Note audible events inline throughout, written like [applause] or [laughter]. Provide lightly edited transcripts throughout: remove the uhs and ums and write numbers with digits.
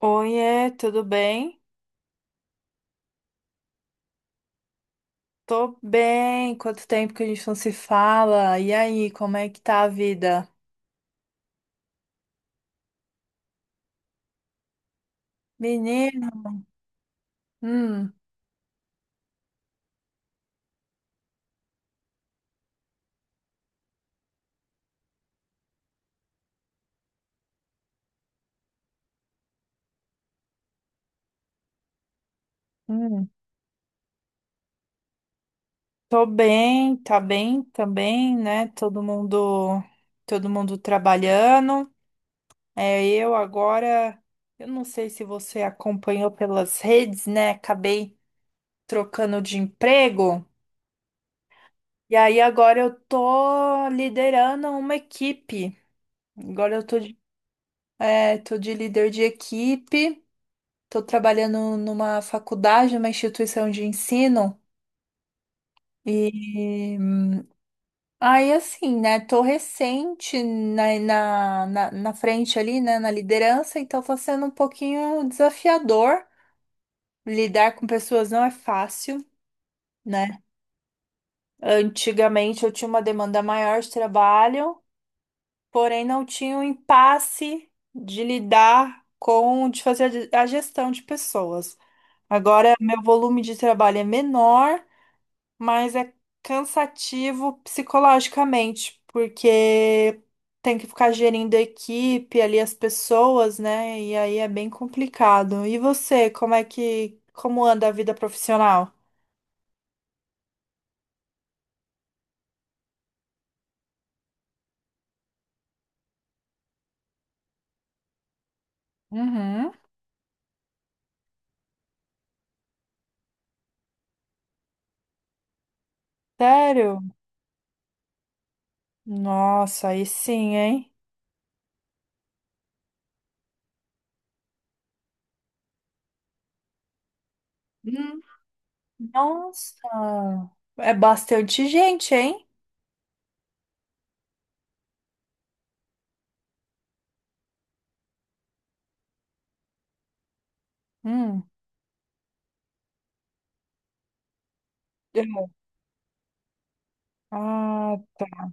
Oiê, tudo bem? Tô bem. Quanto tempo que a gente não se fala? E aí, como é que tá a vida? Menino, hum, hum. Tô bem, tá bem também, né? Todo mundo trabalhando. É, eu agora, eu não sei se você acompanhou pelas redes, né? Acabei trocando de emprego. E aí agora eu tô liderando uma equipe. Agora eu tô É, Tô de líder de equipe, tô trabalhando numa faculdade, numa instituição de ensino. E aí, assim, né? Tô recente na frente ali, né? Na liderança, então tá sendo um pouquinho desafiador. Lidar com pessoas não é fácil, né? Antigamente eu tinha uma demanda maior de trabalho, porém não tinha o impasse de fazer a a gestão de pessoas. Agora, meu volume de trabalho é menor, mas é cansativo psicologicamente, porque tem que ficar gerindo a equipe, ali as pessoas, né? E aí é bem complicado. E você, como anda a vida profissional? Uhum. Sério? Nossa, aí sim, hein? Hum. Nossa, é bastante gente, hein? Hum. É. Ah, tá.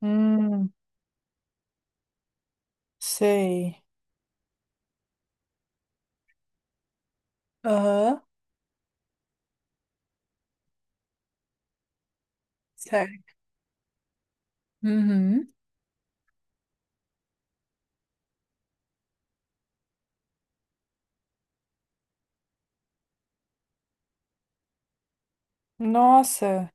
Hum, sei. Aham. Certo. Uhum. Nossa,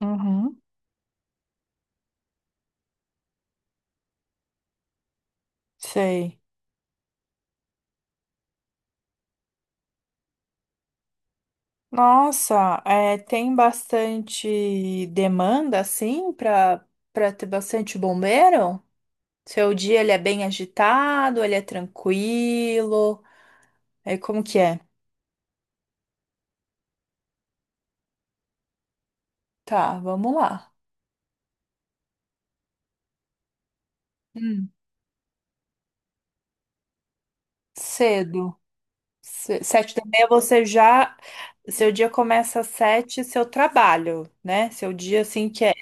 uhum, sei. Nossa, é, tem bastante demanda assim para ter bastante bombeiro? Seu dia ele é bem agitado, ele é tranquilo. Aí como que é? Tá, vamos lá. Hum. Cedo. Sete da meia você já. Seu dia começa às sete, seu trabalho, né? Seu dia assim que é,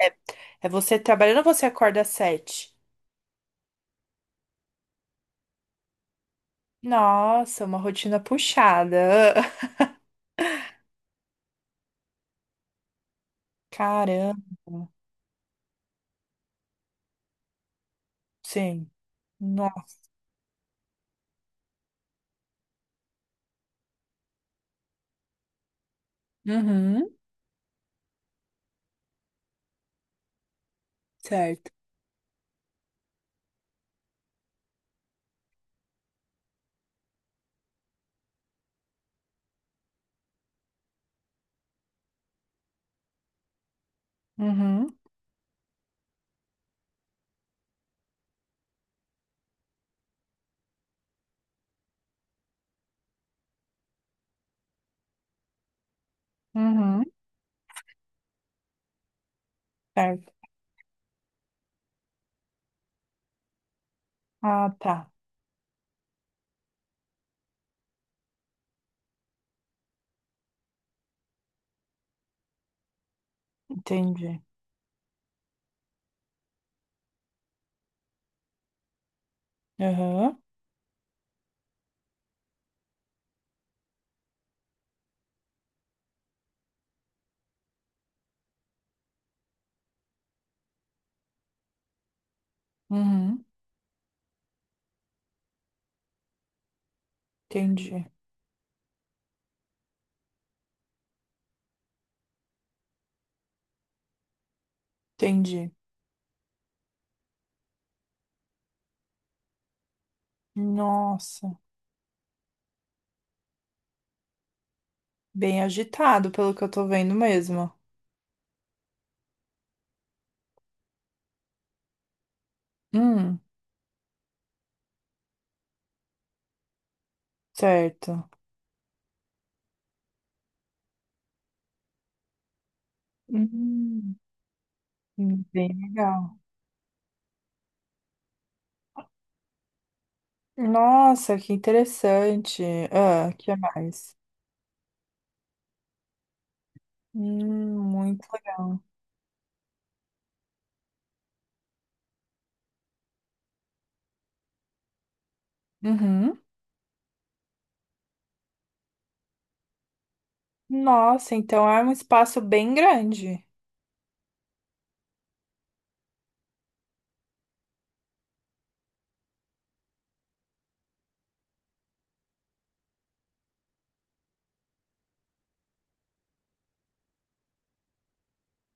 é você trabalhando, você acorda às sete. Nossa, uma rotina puxada. [laughs] Ah, caramba. Sim. Nossa. Uhum, certo. Uhum. Uhum. Certo. Ah, tá. Entendi. Uhum. Uhum. Entendi. Entendi. Nossa. Bem agitado, pelo que eu tô vendo mesmo. Hum, certo. Hum, bem legal. Nossa, que interessante. Ah, que mais? Muito legal. Uhum. Nossa, então é um espaço bem grande.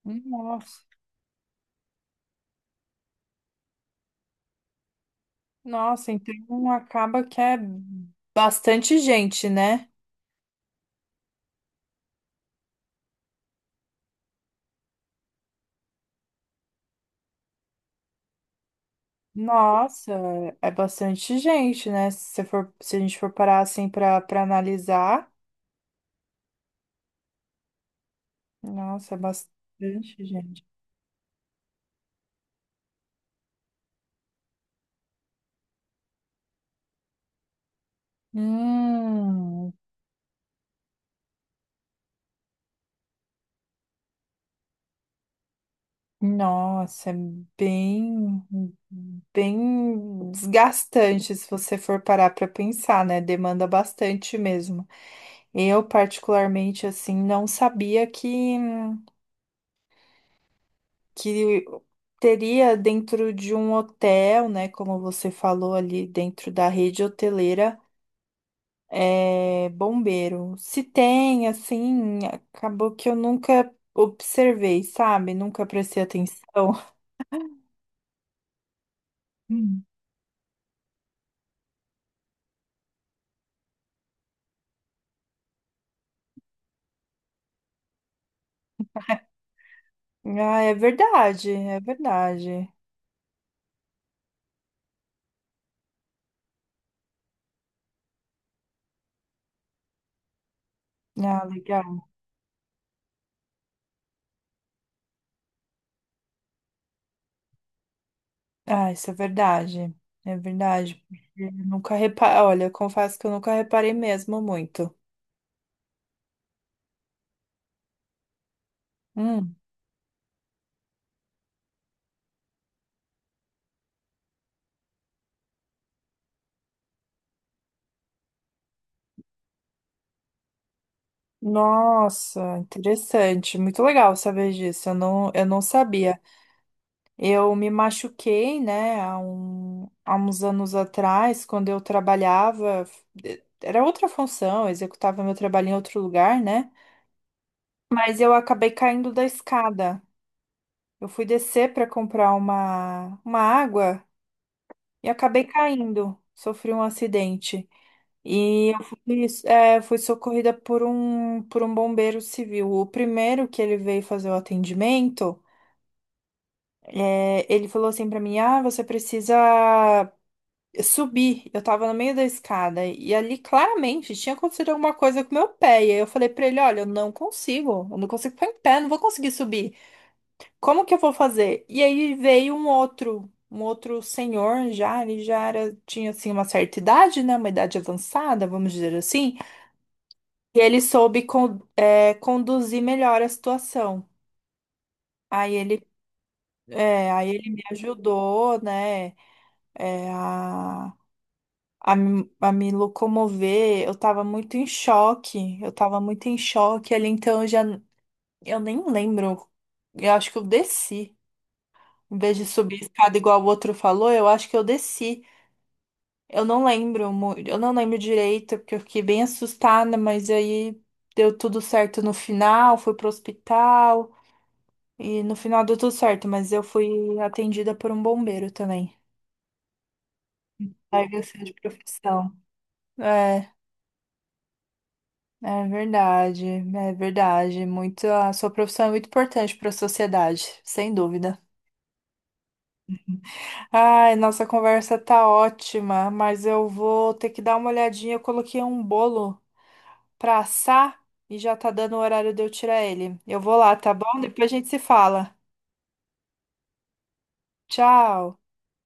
Nossa, nossa, então acaba que é bastante gente, né? Nossa, é bastante gente, né? Se a gente for parar assim para analisar, nossa, é bastante gente. Hum, nossa, é bem bem desgastante se você for parar para pensar, né? Demanda bastante mesmo. Eu, particularmente, assim, não sabia que teria dentro de um hotel, né? Como você falou ali, dentro da rede hoteleira, é, bombeiro. Se tem, assim, acabou que eu nunca observei, sabe? Nunca prestei atenção. Hum. Ah, é verdade, é verdade. Ah, legal. Ah, isso é verdade. É verdade. Porque eu nunca reparei. Olha, eu confesso que eu nunca reparei mesmo muito. Hum. Nossa, interessante, muito legal saber disso. Eu não sabia. Eu me machuquei, né, há uns anos atrás, quando eu trabalhava, era outra função, eu executava meu trabalho em outro lugar, né? Mas eu acabei caindo da escada. Eu fui descer para comprar uma água e acabei caindo, sofri um acidente. E eu fui, fui socorrida por um bombeiro civil. O primeiro que ele veio fazer o atendimento, ele falou assim pra mim: "Ah, você precisa subir." Eu tava no meio da escada e ali claramente tinha acontecido alguma coisa com meu pé. E aí eu falei pra ele: "Olha, eu não consigo ficar em pé, não vou conseguir subir. Como que eu vou fazer?" E aí veio um outro. Um outro senhor já, tinha assim uma certa idade, né? Uma idade avançada, vamos dizer assim. E ele soube conduzir melhor a situação. Aí ele, aí ele me ajudou, né, é, a, a me locomover. Eu tava muito em choque ali, então eu já, eu nem lembro. Eu acho que eu desci. Em vez de subir a escada igual o outro falou, eu acho que eu desci. Eu não lembro direito, porque eu fiquei bem assustada, mas aí deu tudo certo no final, fui pro hospital. E no final deu tudo certo, mas eu fui atendida por um bombeiro também. Larga ser de profissão. É, é verdade, é verdade. Muito, a sua profissão é muito importante para a sociedade, sem dúvida. Ai, nossa conversa tá ótima, mas eu vou ter que dar uma olhadinha. Eu coloquei um bolo pra assar e já tá dando o horário de eu tirar ele. Eu vou lá, tá bom? Depois a gente se fala. Tchau.